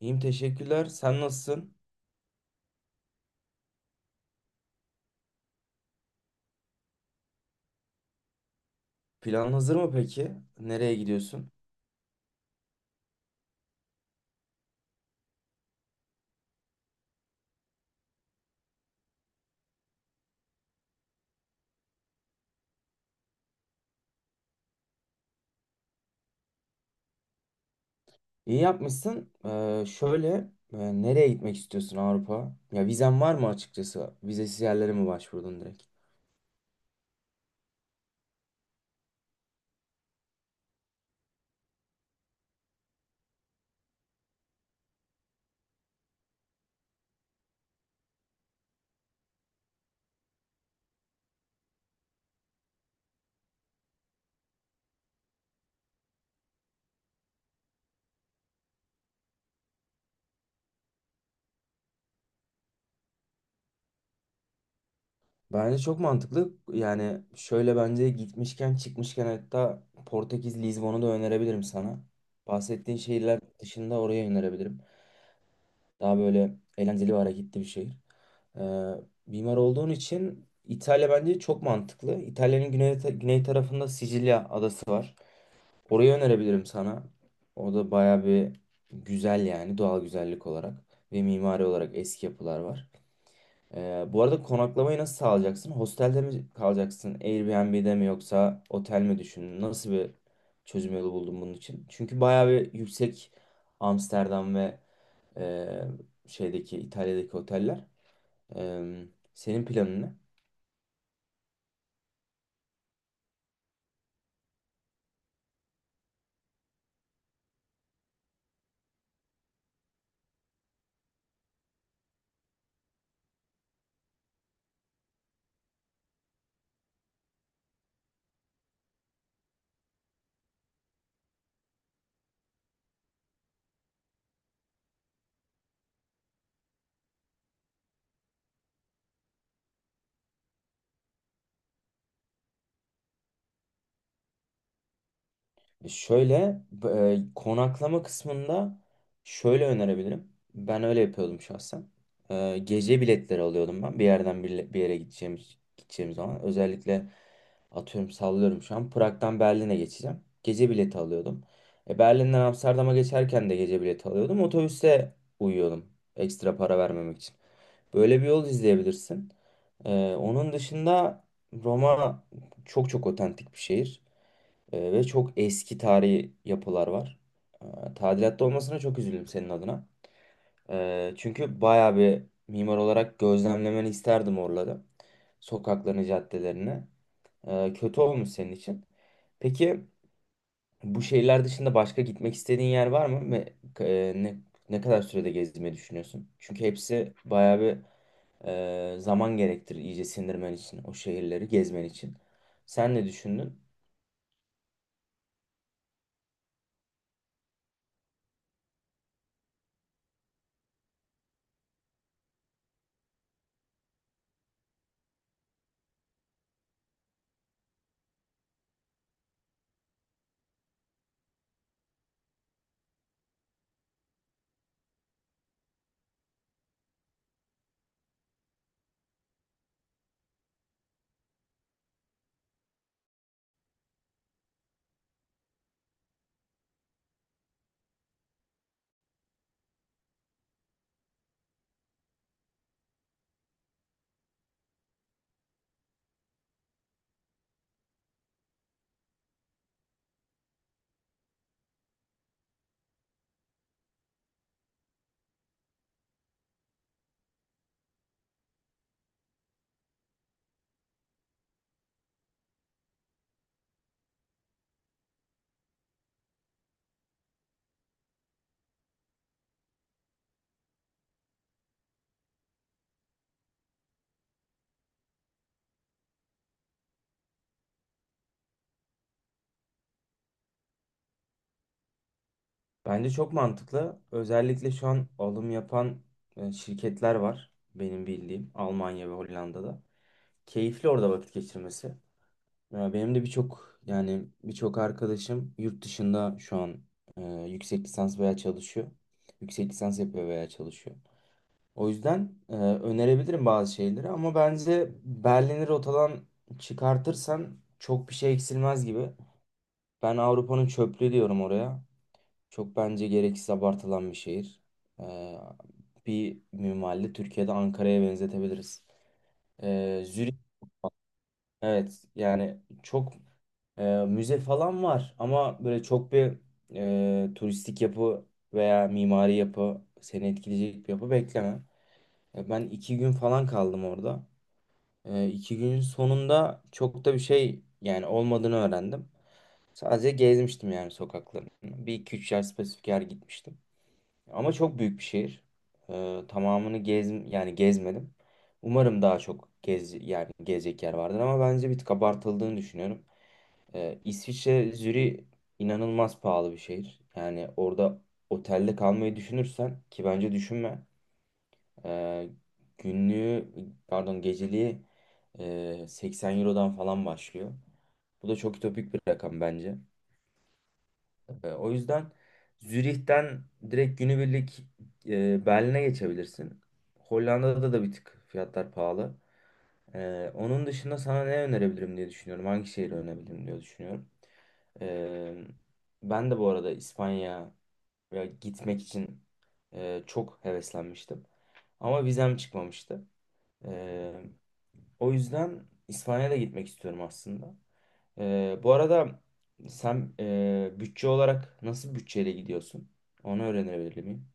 İyiyim teşekkürler. Sen nasılsın? Plan hazır mı peki? Nereye gidiyorsun? İyi yapmışsın. Şöyle nereye gitmek istiyorsun Avrupa? Ya vizen var mı açıkçası? Vizesiz yerlere mi başvurdun direkt? Bence çok mantıklı. Yani şöyle bence gitmişken çıkmışken hatta Portekiz Lizbon'u da önerebilirim sana. Bahsettiğin şehirler dışında oraya önerebilirim. Daha böyle eğlenceli ve hareketli bir şehir. Ee, mimar olduğun için İtalya bence çok mantıklı. İtalya'nın güney tarafında Sicilya adası var. Orayı önerebilirim sana. O da baya bir güzel yani doğal güzellik olarak ve mimari olarak eski yapılar var. Bu arada konaklamayı nasıl sağlayacaksın? Hostelde mi kalacaksın? Airbnb'de mi yoksa otel mi düşündün? Nasıl bir çözüm yolu buldun bunun için? Çünkü baya bir yüksek Amsterdam ve e, şeydeki İtalya'daki oteller. Eee, senin planın ne? Şöyle konaklama kısmında şöyle önerebilirim. Ben öyle yapıyordum şahsen. Gece biletleri alıyordum ben bir yerden bir yere gideceğim zaman. Özellikle atıyorum sallıyorum şu an Prag'dan Berlin'e geçeceğim. Gece bileti alıyordum. Berlin'den Amsterdam'a geçerken de gece bileti alıyordum. Otobüste uyuyordum ekstra para vermemek için. Böyle bir yol izleyebilirsin. Onun dışında Roma çok çok otentik bir şehir. Ve çok eski tarihi yapılar var. Tadilatta olmasına çok üzüldüm senin adına. Çünkü bayağı bir mimar olarak gözlemlemeni isterdim oraları. Sokaklarını, caddelerini. Kötü olmuş senin için. Peki bu şehirler dışında başka gitmek istediğin yer var mı? Ve e, ne, ne kadar sürede gezmeyi düşünüyorsun? Çünkü hepsi bayağı bir zaman gerektirir iyice sindirmen için, o şehirleri gezmen için. Sen ne düşündün? Bence çok mantıklı. Özellikle şu an alım yapan şirketler var benim bildiğim Almanya ve Hollanda'da. Keyifli orada vakit geçirmesi. Ya benim de birçok arkadaşım yurt dışında şu an e, yüksek lisans veya çalışıyor. Yüksek lisans yapıyor veya çalışıyor. O yüzden önerebilirim bazı şeyleri ama bence Berlin'i rotadan çıkartırsan çok bir şey eksilmez gibi. Ben Avrupa'nın çöplüğü diyorum oraya. Çok bence gereksiz abartılan bir şehir. Ee, bir minvalde Türkiye'de Ankara'ya benzetebiliriz. Zürih. Evet, yani çok müze falan var ama böyle çok bir turistik yapı veya mimari yapı seni etkileyecek bir yapı bekleme. Ben 2 gün falan kaldım orada. 2 günün sonunda çok da bir şey yani olmadığını öğrendim. Sadece gezmiştim yani sokaklarını. Bir iki üç yer spesifik yer gitmiştim. Ama çok büyük bir şehir. Tamamını gezmedim. Umarım daha çok gezecek yer vardır ama bence bir tık abartıldığını düşünüyorum. İsviçre inanılmaz pahalı bir şehir. Yani orada otelde kalmayı düşünürsen ki bence düşünme. Ee, günlüğü pardon geceliği 80 Euro'dan falan başlıyor. Bu da çok ütopik bir rakam bence. O yüzden Zürih'ten direkt günübirlik Berlin'e geçebilirsin. Hollanda'da da bir tık fiyatlar pahalı. Onun dışında sana ne önerebilirim diye düşünüyorum. Hangi şehri önerebilirim diye düşünüyorum. E, ben de bu arada İspanya'ya gitmek için çok heveslenmiştim. Ama vizem çıkmamıştı. E, o yüzden İspanya'da gitmek istiyorum aslında. Bu arada sen bütçe olarak nasıl bir bütçeyle gidiyorsun? Onu öğrenebilir miyim?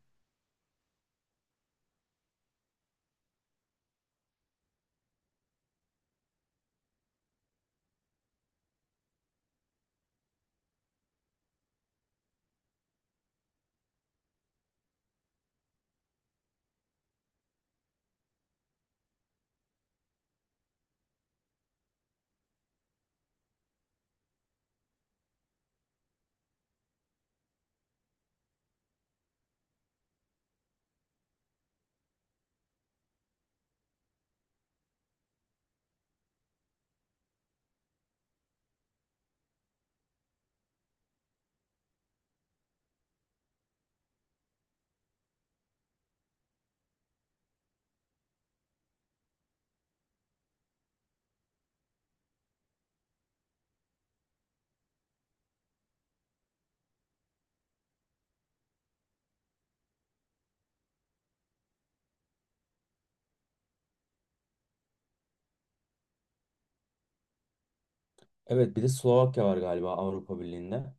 Evet, bir de Slovakya var galiba Avrupa Birliği'nde.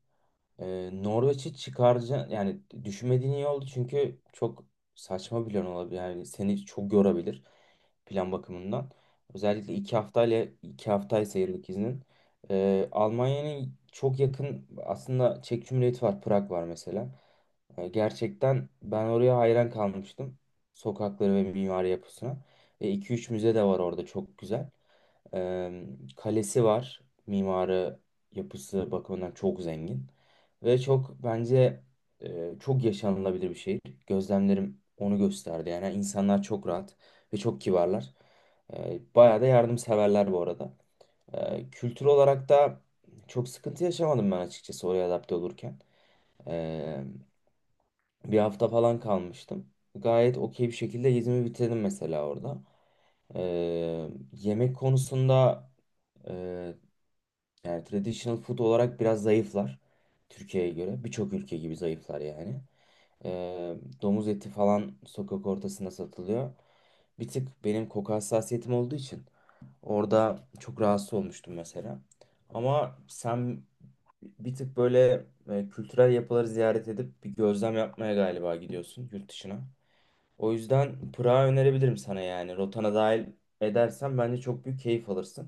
Norveç'i çıkaracağım, yani düşünmediğin iyi oldu çünkü çok saçma bir plan olabilir, yani seni çok yorabilir plan bakımından, özellikle 2 haftayla, 2 haftaysa yıllık iznin. Almanya'nın çok yakın aslında. Çek Cumhuriyeti var, Prag var mesela. Gerçekten ben oraya hayran kalmıştım, sokakları ve mimari yapısına, ve 2-3 müze de var orada çok güzel. Ee, kalesi var, mimarı yapısı bakımından çok zengin. Ve çok bence çok yaşanılabilir bir şehir. Gözlemlerim onu gösterdi. Yani insanlar çok rahat ve çok kibarlar. Bayağı da yardımseverler bu arada. Kültür olarak da çok sıkıntı yaşamadım ben açıkçası oraya adapte olurken. E, bir hafta falan kalmıştım. Gayet okey bir şekilde gezimi bitirdim mesela orada. Yemek konusunda e, yani traditional food olarak biraz zayıflar. Türkiye'ye göre birçok ülke gibi zayıflar yani. Ee, domuz eti falan sokak ortasında satılıyor. Bir tık benim koku hassasiyetim olduğu için orada çok rahatsız olmuştum mesela. Ama sen bir tık böyle kültürel yapıları ziyaret edip bir gözlem yapmaya galiba gidiyorsun yurt dışına. O yüzden Prag'ı önerebilirim sana yani. Rotana dahil edersen bence çok büyük keyif alırsın.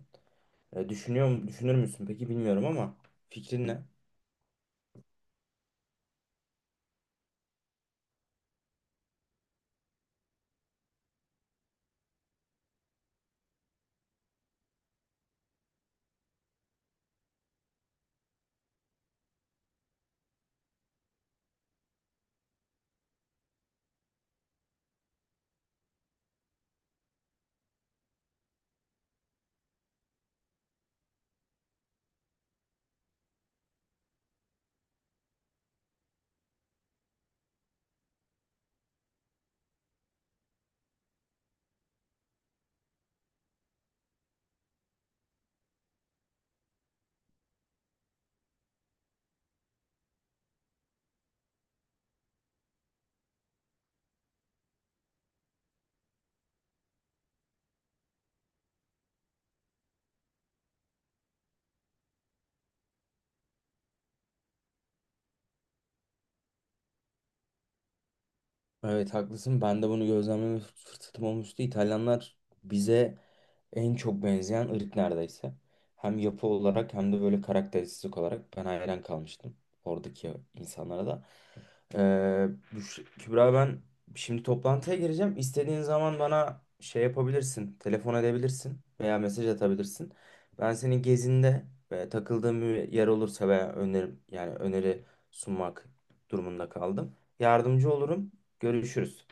Düşünür müsün peki bilmiyorum ama fikrin ne? Evet haklısın. Ben de bunu gözlemleme fırsatım olmuştu. İtalyanlar bize en çok benzeyen ırk neredeyse. Hem yapı olarak hem de böyle karakteristik olarak ben hayran kalmıştım oradaki insanlara da. Kübra, ben şimdi toplantıya gireceğim. İstediğin zaman bana şey yapabilirsin, telefon edebilirsin veya mesaj atabilirsin. Ben senin gezinde ve takıldığın bir yer olursa veya öneri sunmak durumunda kaldım. Yardımcı olurum. Görüşürüz.